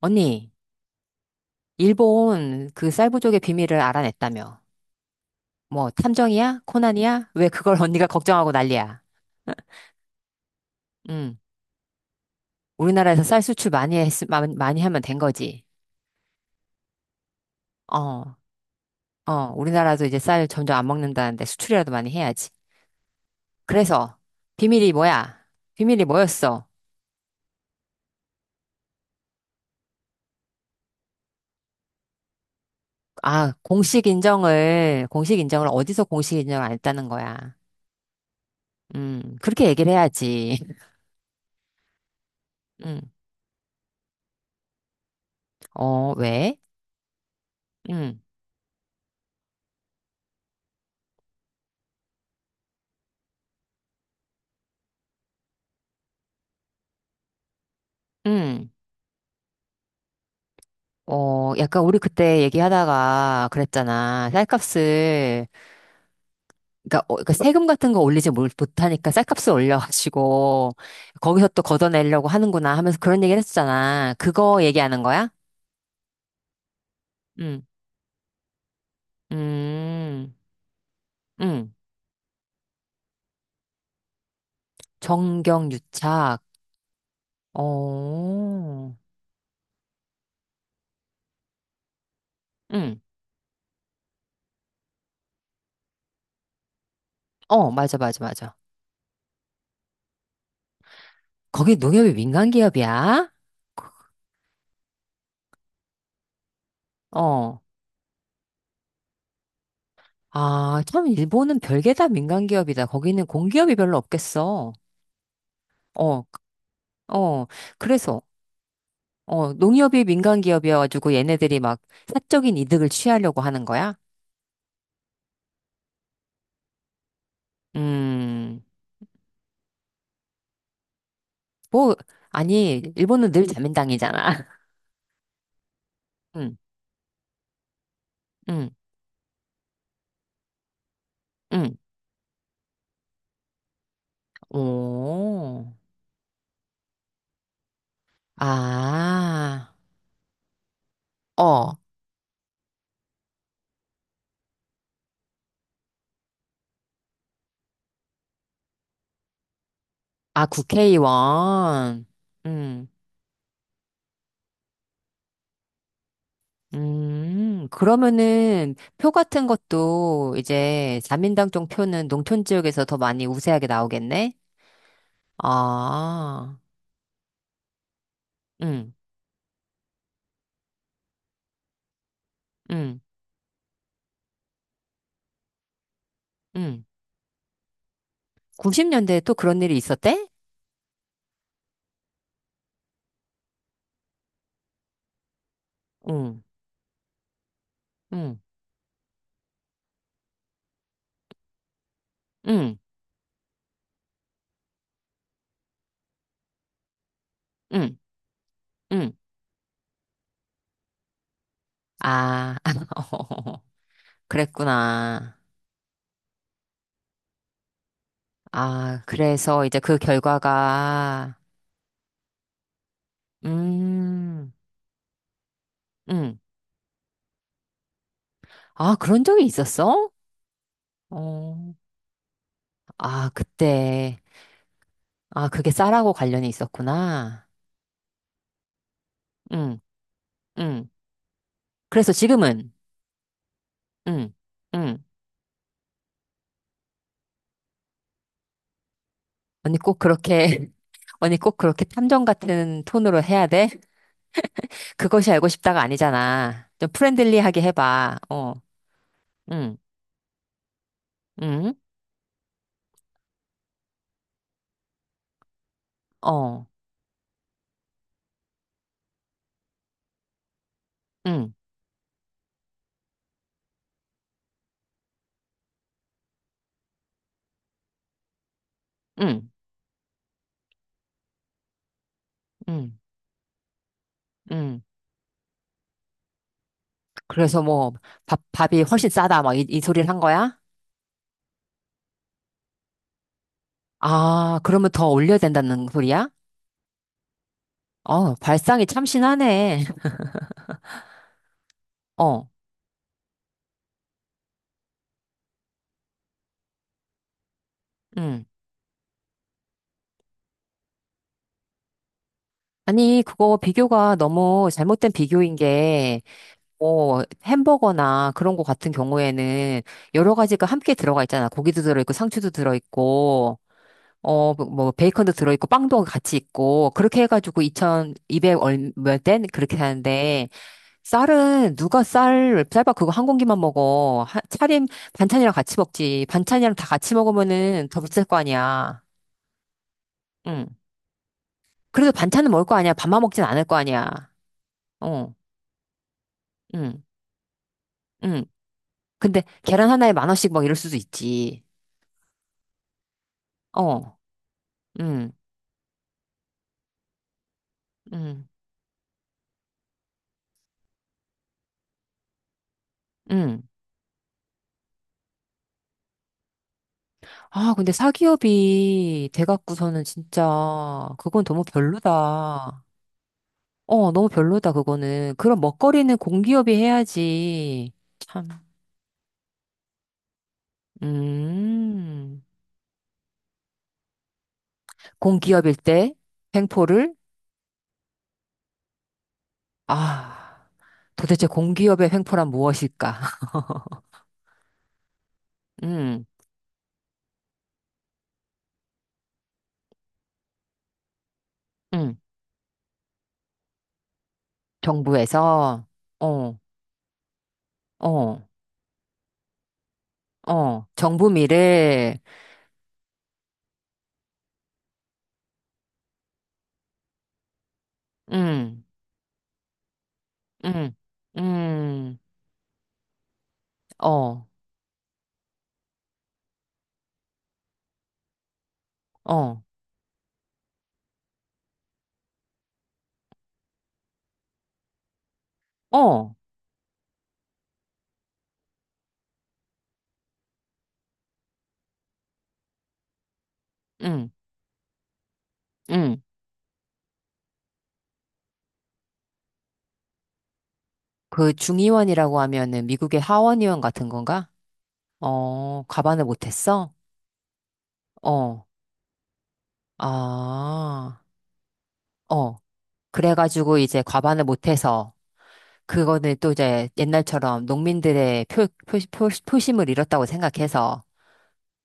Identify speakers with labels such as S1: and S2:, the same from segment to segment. S1: 언니, 일본 그 쌀부족의 비밀을 알아냈다며. 뭐, 탐정이야? 코난이야? 왜 그걸 언니가 걱정하고 난리야? 응. 우리나라에서 쌀 수출 많이 하면 된 거지. 어, 어, 우리나라도 이제 쌀 점점 안 먹는다는데 수출이라도 많이 해야지. 그래서, 비밀이 뭐야? 비밀이 뭐였어? 아, 공식 인정을 어디서 공식 인정을 안 했다는 거야. 그렇게 얘기를 해야지. 음, 어, 왜? 음, 음. 어, 약간 우리 그때 얘기하다가 그랬잖아. 쌀값을, 그러니까, 어, 그러니까 세금 같은 거 올리지 못하니까 쌀값을 올려가지고, 거기서 또 걷어내려고 하는구나 하면서 그런 얘기를 했었잖아. 그거 얘기하는 거야? 응, 음, 응. 정경유착. 어, 응. 어, 맞아, 맞아, 맞아. 거기 농협이 민간기업이야? 어. 아, 참, 일본은 별게 다 민간기업이다. 거기는 공기업이 별로 없겠어. 어, 어, 그래서, 어, 농협이 민간 기업이어가지고 얘네들이 막 사적인 이득을 취하려고 하는 거야? 음, 뭐, 아니, 일본은 늘 자민당이잖아. 응, 응, 응. 오, 아, 어, 아, 국회의원. 음, 그러면은 표 같은 것도 이제 자민당 쪽 표는 농촌 지역에서 더 많이 우세하게 나오겠네? 아, 응, 응, 응. 90년대에 또 그런 일이 있었대? 응, 응, 응, 응, 응. 아, 그랬구나. 아, 그래서 이제 그 결과가, 음, 음. 아, 그런 적이 있었어? 어, 아, 그때. 아, 그게 쌀하고 관련이 있었구나. 응, 응. 그래서 지금은, 응, 응. 언니 꼭 그렇게, 언니 꼭 그렇게 탐정 같은 톤으로 해야 돼? 그것이 알고 싶다가 아니잖아. 좀 프렌들리하게 해봐. 어, 응, 응, 어, 응, 응, 응, 응. 그래서 뭐, 밥, 밥이 훨씬 싸다. 막 이 소리를 한 거야? 아, 그러면 더 올려야 된다는 소리야? 어, 발상이 참신하네. 어, 응. 아니, 그거 비교가 너무 잘못된 비교인 게, 뭐, 햄버거나 그런 거 같은 경우에는 여러 가지가 함께 들어가 있잖아. 고기도 들어있고, 상추도 들어있고. 어, 뭐, 뭐 베이컨도 들어있고, 빵도 같이 있고, 그렇게 해가지고 2,200 얼몇 엔? 그렇게 하는데, 쌀은, 누가 쌀, 쌀밥 그거 한 공기만 먹어. 하, 차림, 반찬이랑 같이 먹지. 반찬이랑 다 같이 먹으면은 더 비쌀 거 아니야. 응. 그래도 반찬은 먹을 거 아니야. 밥만 먹진 않을 거 아니야. 어, 응, 응. 근데 계란 하나에 만 원씩 막 이럴 수도 있지. 어, 응, 응, 응. 아, 근데 사기업이 돼갖고서는 진짜 그건 너무 별로다. 어, 너무 별로다, 그거는. 그런 먹거리는 공기업이 해야지. 참. 음. 공기업일 때 횡포를? 아, 도대체 공기업의 횡포란 무엇일까? 음, 음. 정부에서, 어, 어, 어. 정부 미래, 음, 음, 음, 어, 어, 어, 음. 음. 그 중의원이라고 하면은 미국의 하원의원 같은 건가? 어, 과반을 못했어? 어, 아, 어. 그래가지고 이제 과반을 못해서 그거는 또 이제 옛날처럼 농민들의 표심을 잃었다고 생각해서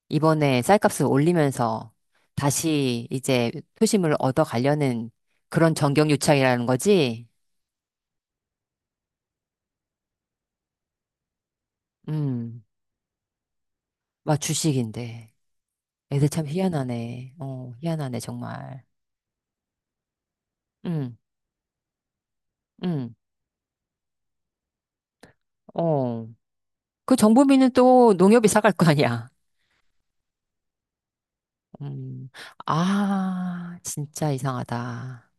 S1: 이번에 쌀값을 올리면서 다시 이제 표심을 얻어가려는 그런 정경유착이라는 거지? 음, 막 주식인데. 애들 참 희한하네. 어, 희한하네, 정말. 음, 음. 어. 그 정보비는 또 농협이 사갈 거 아니야. 음. 아, 진짜 이상하다.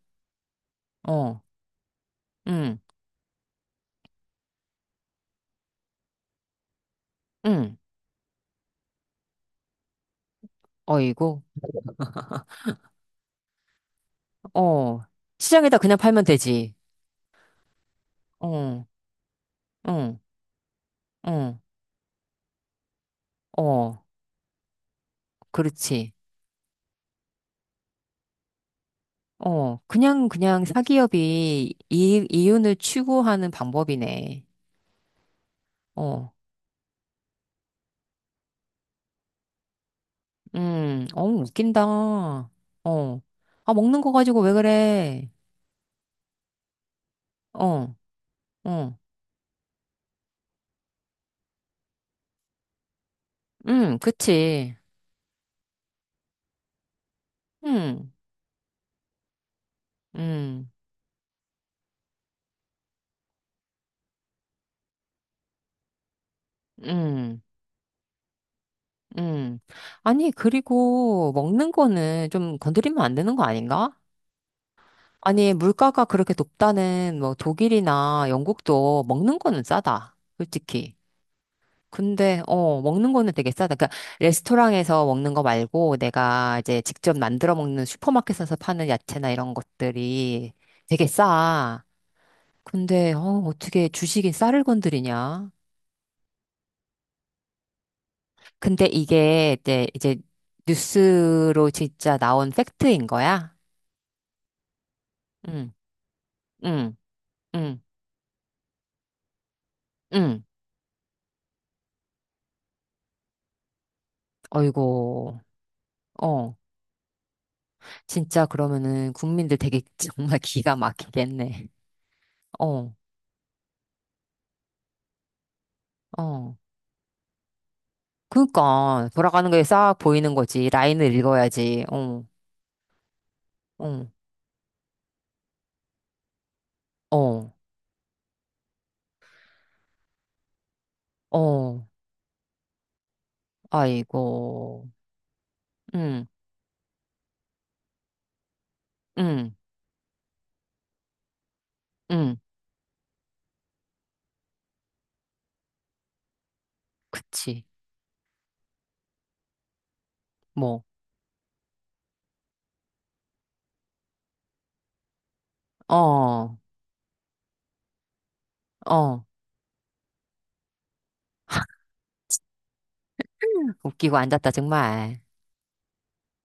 S1: 어, 응, 응. 어이구, 어. 시장에다 그냥 팔면 되지. 어, 응, 응, 어. 그렇지. 어. 그냥, 그냥 사기업이 이윤을 추구하는 방법이네. 어, 어, 웃긴다. 어. 아, 먹는 거 가지고 왜 그래. 어, 어. 그치. 음. 음, 음, 음. 아니, 그리고 먹는 거는 좀 건드리면 안 되는 거 아닌가? 아니, 물가가 그렇게 높다는 뭐 독일이나 영국도 먹는 거는 싸다. 솔직히. 근데, 어, 먹는 거는 되게 싸다. 그러니까 레스토랑에서 먹는 거 말고 내가 이제 직접 만들어 먹는 슈퍼마켓에서 파는 야채나 이런 것들이 되게 싸. 근데, 어, 어떻게 주식이 쌀을 건드리냐? 근데 이게 이제, 이제 뉴스로 진짜 나온 팩트인 거야? 응, 응, 응, 응. 어이고, 어. 진짜 그러면은 국민들 되게 정말 기가 막히겠네. 어, 어. 그니까, 돌아가는 게 싹 보이는 거지. 라인을 읽어야지. 어, 어, 어, 어. 아이고, 응, 응, 응. 그치. 뭐, 어, 어. 웃기고 앉았다, 정말.